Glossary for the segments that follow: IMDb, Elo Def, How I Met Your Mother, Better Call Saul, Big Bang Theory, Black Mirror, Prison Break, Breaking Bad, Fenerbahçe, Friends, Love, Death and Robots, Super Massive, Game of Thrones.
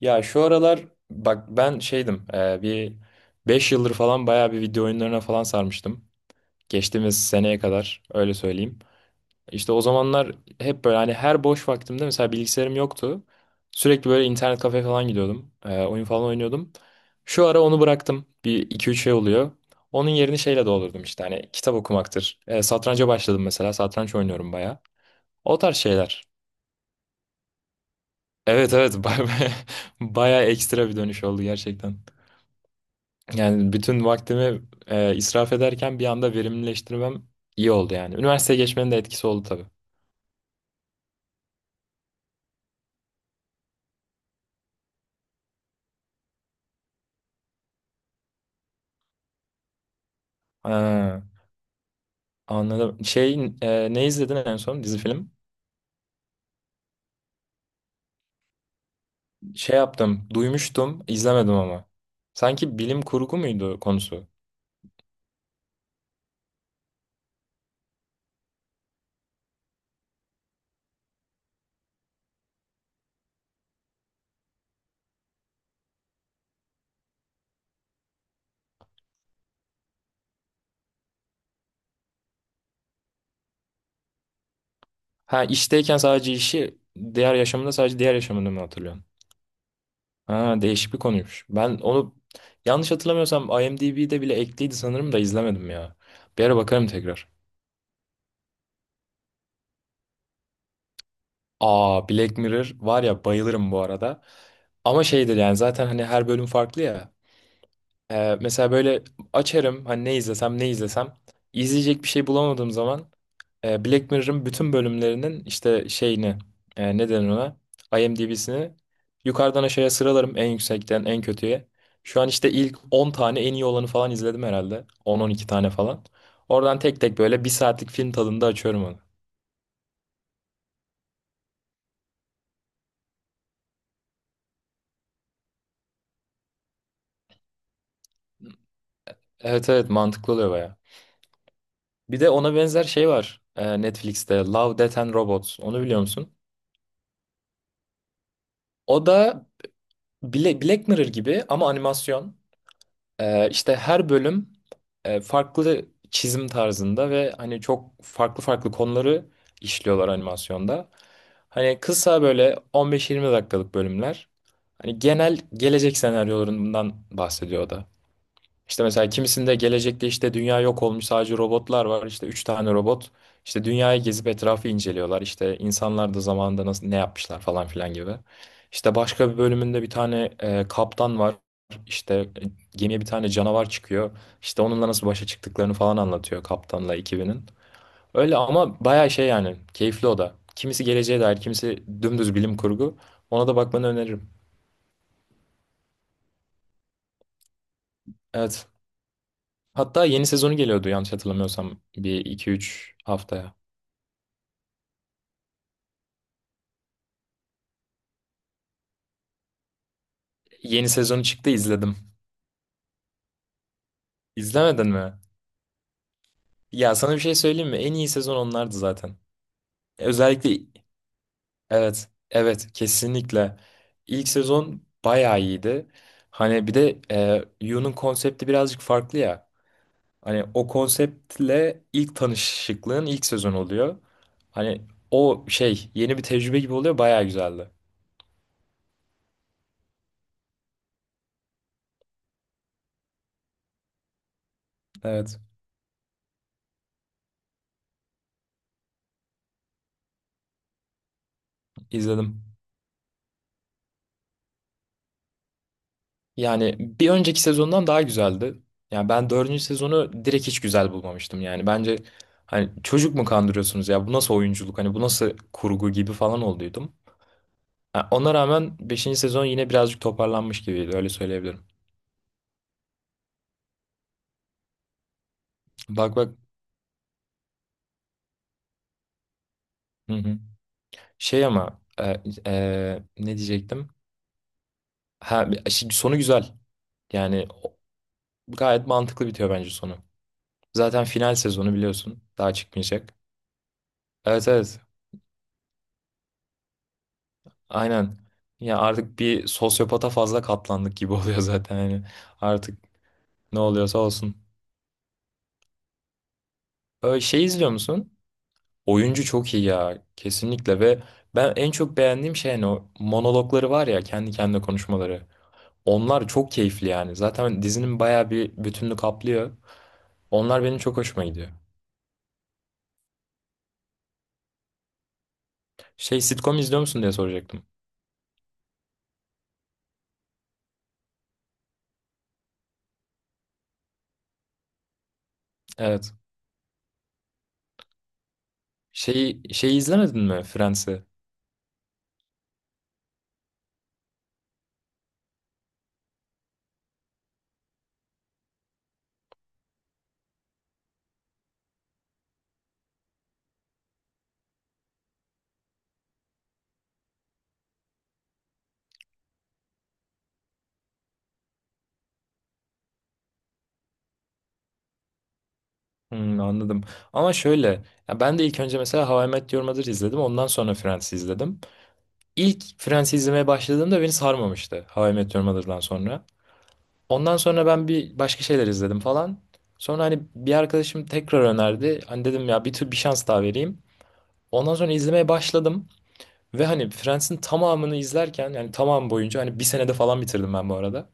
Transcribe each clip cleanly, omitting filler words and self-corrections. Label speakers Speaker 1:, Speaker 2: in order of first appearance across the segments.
Speaker 1: Ya şu aralar bak ben şeydim bir 5 yıldır falan bayağı bir video oyunlarına falan sarmıştım. Geçtiğimiz seneye kadar öyle söyleyeyim. İşte o zamanlar hep böyle hani her boş vaktimde mesela bilgisayarım yoktu. Sürekli böyle internet kafe falan gidiyordum. Oyun falan oynuyordum. Şu ara onu bıraktım. Bir iki üç şey oluyor. Onun yerini şeyle doldurdum işte hani kitap okumaktır. Satranca başladım mesela satranç oynuyorum bayağı. O tarz şeyler. Evet evet bayağı ekstra bir dönüş oldu gerçekten. Yani bütün vaktimi israf ederken bir anda verimlileştirmem iyi oldu yani. Üniversiteye geçmenin de etkisi oldu tabii. Ha, anladım. Şey ne izledin en son dizi film? Şey yaptım, duymuştum, izlemedim ama. Sanki bilim kurgu muydu konusu? Ha, işteyken sadece işi, diğer yaşamında sadece diğer yaşamını mı hatırlıyorsun? Ha, değişik bir konuymuş. Ben onu yanlış hatırlamıyorsam IMDb'de bile ekliydi sanırım da izlemedim ya. Bir ara bakarım tekrar. Aa, Black Mirror var ya bayılırım bu arada. Ama şeydir yani zaten hani her bölüm farklı ya. Mesela böyle açarım hani ne izlesem ne izlesem. İzleyecek bir şey bulamadığım zaman Black Mirror'ın bütün bölümlerinin işte şeyini ne denir ona? IMDb'sini yukarıdan aşağıya sıralarım en yüksekten en kötüye. Şu an işte ilk 10 tane en iyi olanı falan izledim herhalde. 10-12 tane falan. Oradan tek tek böyle bir saatlik film tadında açıyorum onu. Evet evet, mantıklı oluyor baya. Bir de ona benzer şey var, Netflix'te Love, Death and Robots. Onu biliyor musun? O da Black Mirror gibi ama animasyon. İşte her bölüm farklı çizim tarzında ve hani çok farklı farklı konuları işliyorlar animasyonda. Hani kısa böyle 15-20 dakikalık bölümler. Hani genel gelecek senaryolarından bahsediyor o da. İşte mesela kimisinde gelecekte işte dünya yok olmuş, sadece robotlar var. İşte üç tane robot işte dünyayı gezip etrafı inceliyorlar. İşte insanlar da zamanında nasıl ne yapmışlar falan filan gibi. İşte başka bir bölümünde bir tane kaptan var. İşte gemiye bir tane canavar çıkıyor. İşte onunla nasıl başa çıktıklarını falan anlatıyor kaptanla ekibinin. Öyle ama bayağı şey yani, keyifli o da. Kimisi geleceğe dair, kimisi dümdüz bilim kurgu. Ona da bakmanı öneririm. Evet. Hatta yeni sezonu geliyordu yanlış hatırlamıyorsam bir iki üç haftaya. Yeni sezonu çıktı izledim. İzlemedin mi? Ya sana bir şey söyleyeyim mi? En iyi sezon onlardı zaten. Özellikle evet, evet, kesinlikle. İlk sezon bayağı iyiydi. Hani bir de Yu'nun konsepti birazcık farklı ya. Hani o konseptle ilk tanışıklığın ilk sezon oluyor. Hani o şey yeni bir tecrübe gibi oluyor, bayağı güzeldi. Evet izledim. Yani bir önceki sezondan daha güzeldi. Yani ben dördüncü sezonu direkt hiç güzel bulmamıştım. Yani bence hani çocuk mu kandırıyorsunuz ya, bu nasıl oyunculuk hani bu nasıl kurgu gibi falan olduydum. Ha, ona rağmen beşinci sezon yine birazcık toparlanmış gibiydi öyle söyleyebilirim. Bak bak. Hı hı. Şey ama ne diyecektim? Ha, şimdi sonu güzel. Yani gayet mantıklı bitiyor bence sonu. Zaten final sezonu biliyorsun daha çıkmayacak. Evet evet, aynen. Ya artık bir sosyopata fazla katlandık gibi oluyor zaten yani. Artık ne oluyorsa olsun. Şey izliyor musun? Oyuncu çok iyi ya. Kesinlikle, ve ben en çok beğendiğim şey hani o monologları var ya, kendi kendine konuşmaları. Onlar çok keyifli yani. Zaten dizinin bayağı bir bütününü kaplıyor. Onlar benim çok hoşuma gidiyor. Şey, sitcom izliyor musun diye soracaktım. Evet. Şeyi izlemedin mi, Friends'i? Hmm, anladım. Ama şöyle, ya ben de ilk önce mesela How I Met Your Mother izledim. Ondan sonra Friends izledim. İlk Friends izlemeye başladığımda beni sarmamıştı How I Met Your Mother'dan sonra. Ondan sonra ben bir başka şeyler izledim falan. Sonra hani bir arkadaşım tekrar önerdi. Hani dedim ya bir tür bir şans daha vereyim. Ondan sonra izlemeye başladım. Ve hani Friends'in tamamını izlerken yani tamam boyunca hani bir senede falan bitirdim ben bu arada.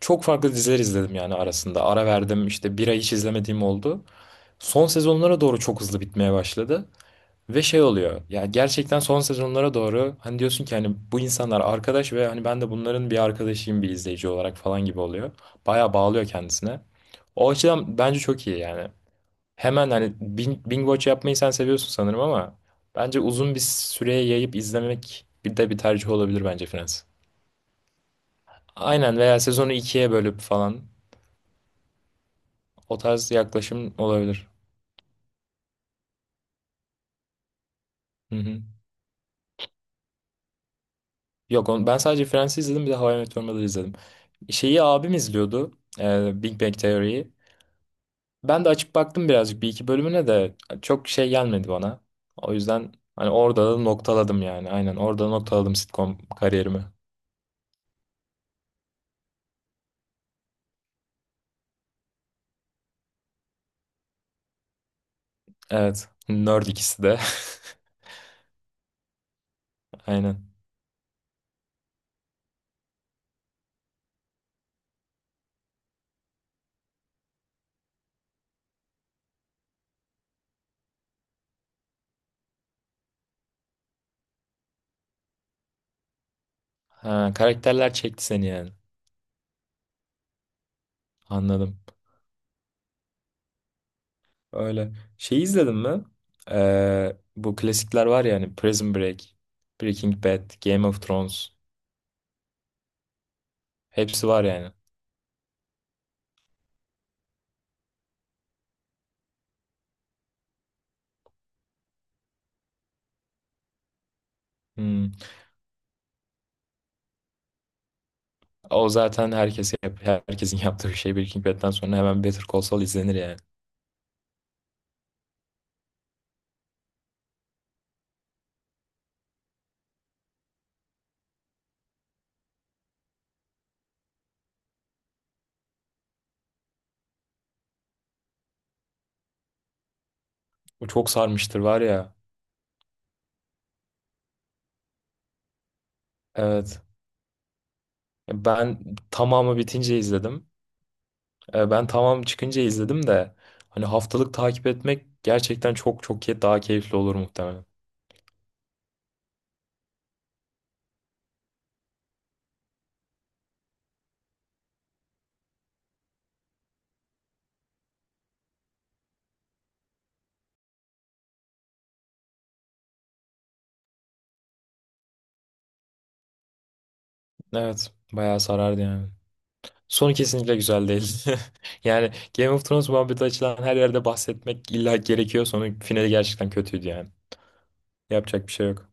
Speaker 1: Çok farklı diziler izledim yani arasında. Ara verdim işte bir ay hiç izlemediğim oldu, son sezonlara doğru çok hızlı bitmeye başladı. Ve şey oluyor ya, gerçekten son sezonlara doğru hani diyorsun ki hani bu insanlar arkadaş ve hani ben de bunların bir arkadaşıyım bir izleyici olarak falan gibi oluyor. Bayağı bağlıyor kendisine. O açıdan bence çok iyi yani. Hemen hani binge watch yapmayı sen seviyorsun sanırım ama bence uzun bir süreye yayıp izlemek bir de bir tercih olabilir bence Friends. Aynen, veya sezonu ikiye bölüp falan o tarz yaklaşım olabilir. Hı hı. Yok onu, ben sadece Friends'i izledim bir de How I Met Your Mother'ı izledim. Şeyi abim izliyordu, Big Bang Theory'yi. Ben de açıp baktım birazcık bir iki bölümüne de çok şey gelmedi bana. O yüzden hani orada da noktaladım yani. Aynen, orada noktaladım sitcom kariyerimi. Evet. Nerd ikisi de. Aynen. Ha, karakterler çekti seni yani. Anladım. Öyle. Şeyi izledin mi? Bu klasikler var ya hani Prison Break, Breaking Bad, Game of Thrones. Hepsi var yani. Hmm. O zaten herkesin yaptığı bir şey, Breaking Bad'den sonra hemen Better Call Saul izlenir yani. O çok sarmıştır var ya. Evet. Ben tamamı bitince izledim. Ben tamam çıkınca izledim de hani haftalık takip etmek gerçekten çok çok daha keyifli olur muhtemelen. Evet. Bayağı sarardı yani. Sonu kesinlikle güzel değil. Yani Game of Thrones muhabbeti açılan her yerde bahsetmek illa gerekiyor. Sonu, finali gerçekten kötüydü yani. Yapacak bir şey yok.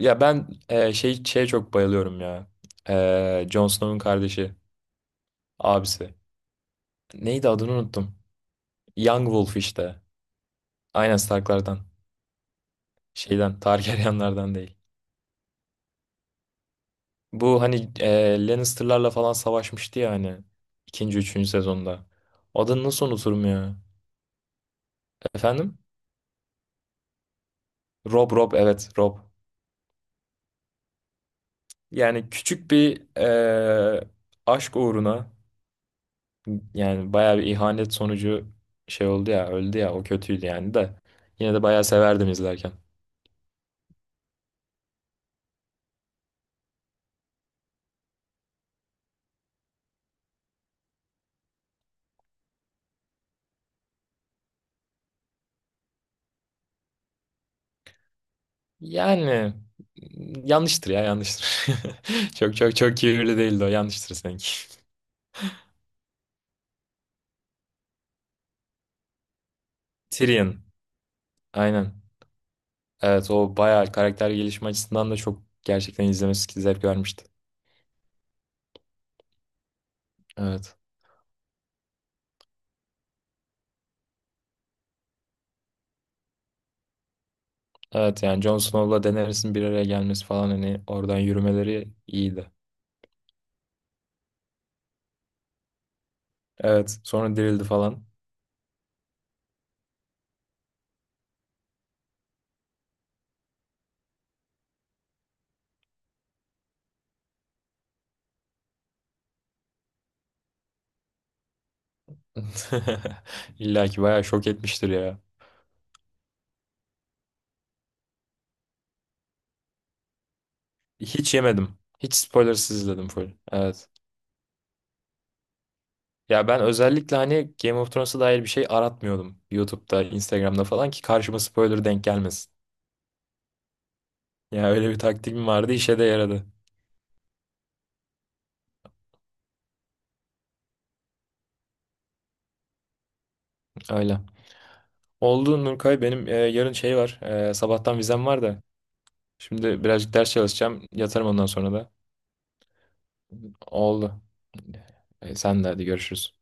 Speaker 1: Ya ben şey şeye çok bayılıyorum ya. Jon Snow'un kardeşi, abisi. Neydi, adını unuttum. Young Wolf işte. Aynen, Stark'lardan. Şeyden, Targaryen'lardan değil. Bu hani Lannister'larla falan savaşmıştı ya hani. İkinci, üçüncü sezonda. Adını nasıl unuturum ya? Efendim? Rob, Rob, evet Rob. Yani küçük bir aşk uğruna yani bayağı bir ihanet sonucu şey oldu ya, öldü ya, o kötüydü yani de. Yine de bayağı severdim izlerken. Yani yanlıştır ya, yanlıştır. Çok çok çok kibirli değildi o, yanlıştır sanki. Tyrion, aynen. Evet, o bayağı karakter gelişme açısından da çok gerçekten izlemesi zevk vermişti. Evet. Evet yani Jon Snow'la Daenerys'in bir araya gelmesi falan hani oradan yürümeleri iyiydi. Evet, sonra dirildi falan. İlla ki bayağı şok etmiştir ya. Hiç yemedim. Hiç spoilersız izledim full. Evet. Ya ben özellikle hani Game of Thrones'a dair bir şey aratmıyordum YouTube'da, Instagram'da falan, ki karşıma spoiler denk gelmesin. Ya öyle bir taktiğim vardı, işe de yaradı. Öyle. Oldu Nurkay, benim yarın şey var. Sabahtan vizem var da. Şimdi birazcık ders çalışacağım. Yatarım ondan sonra da. Oldu. Sen de hadi, görüşürüz.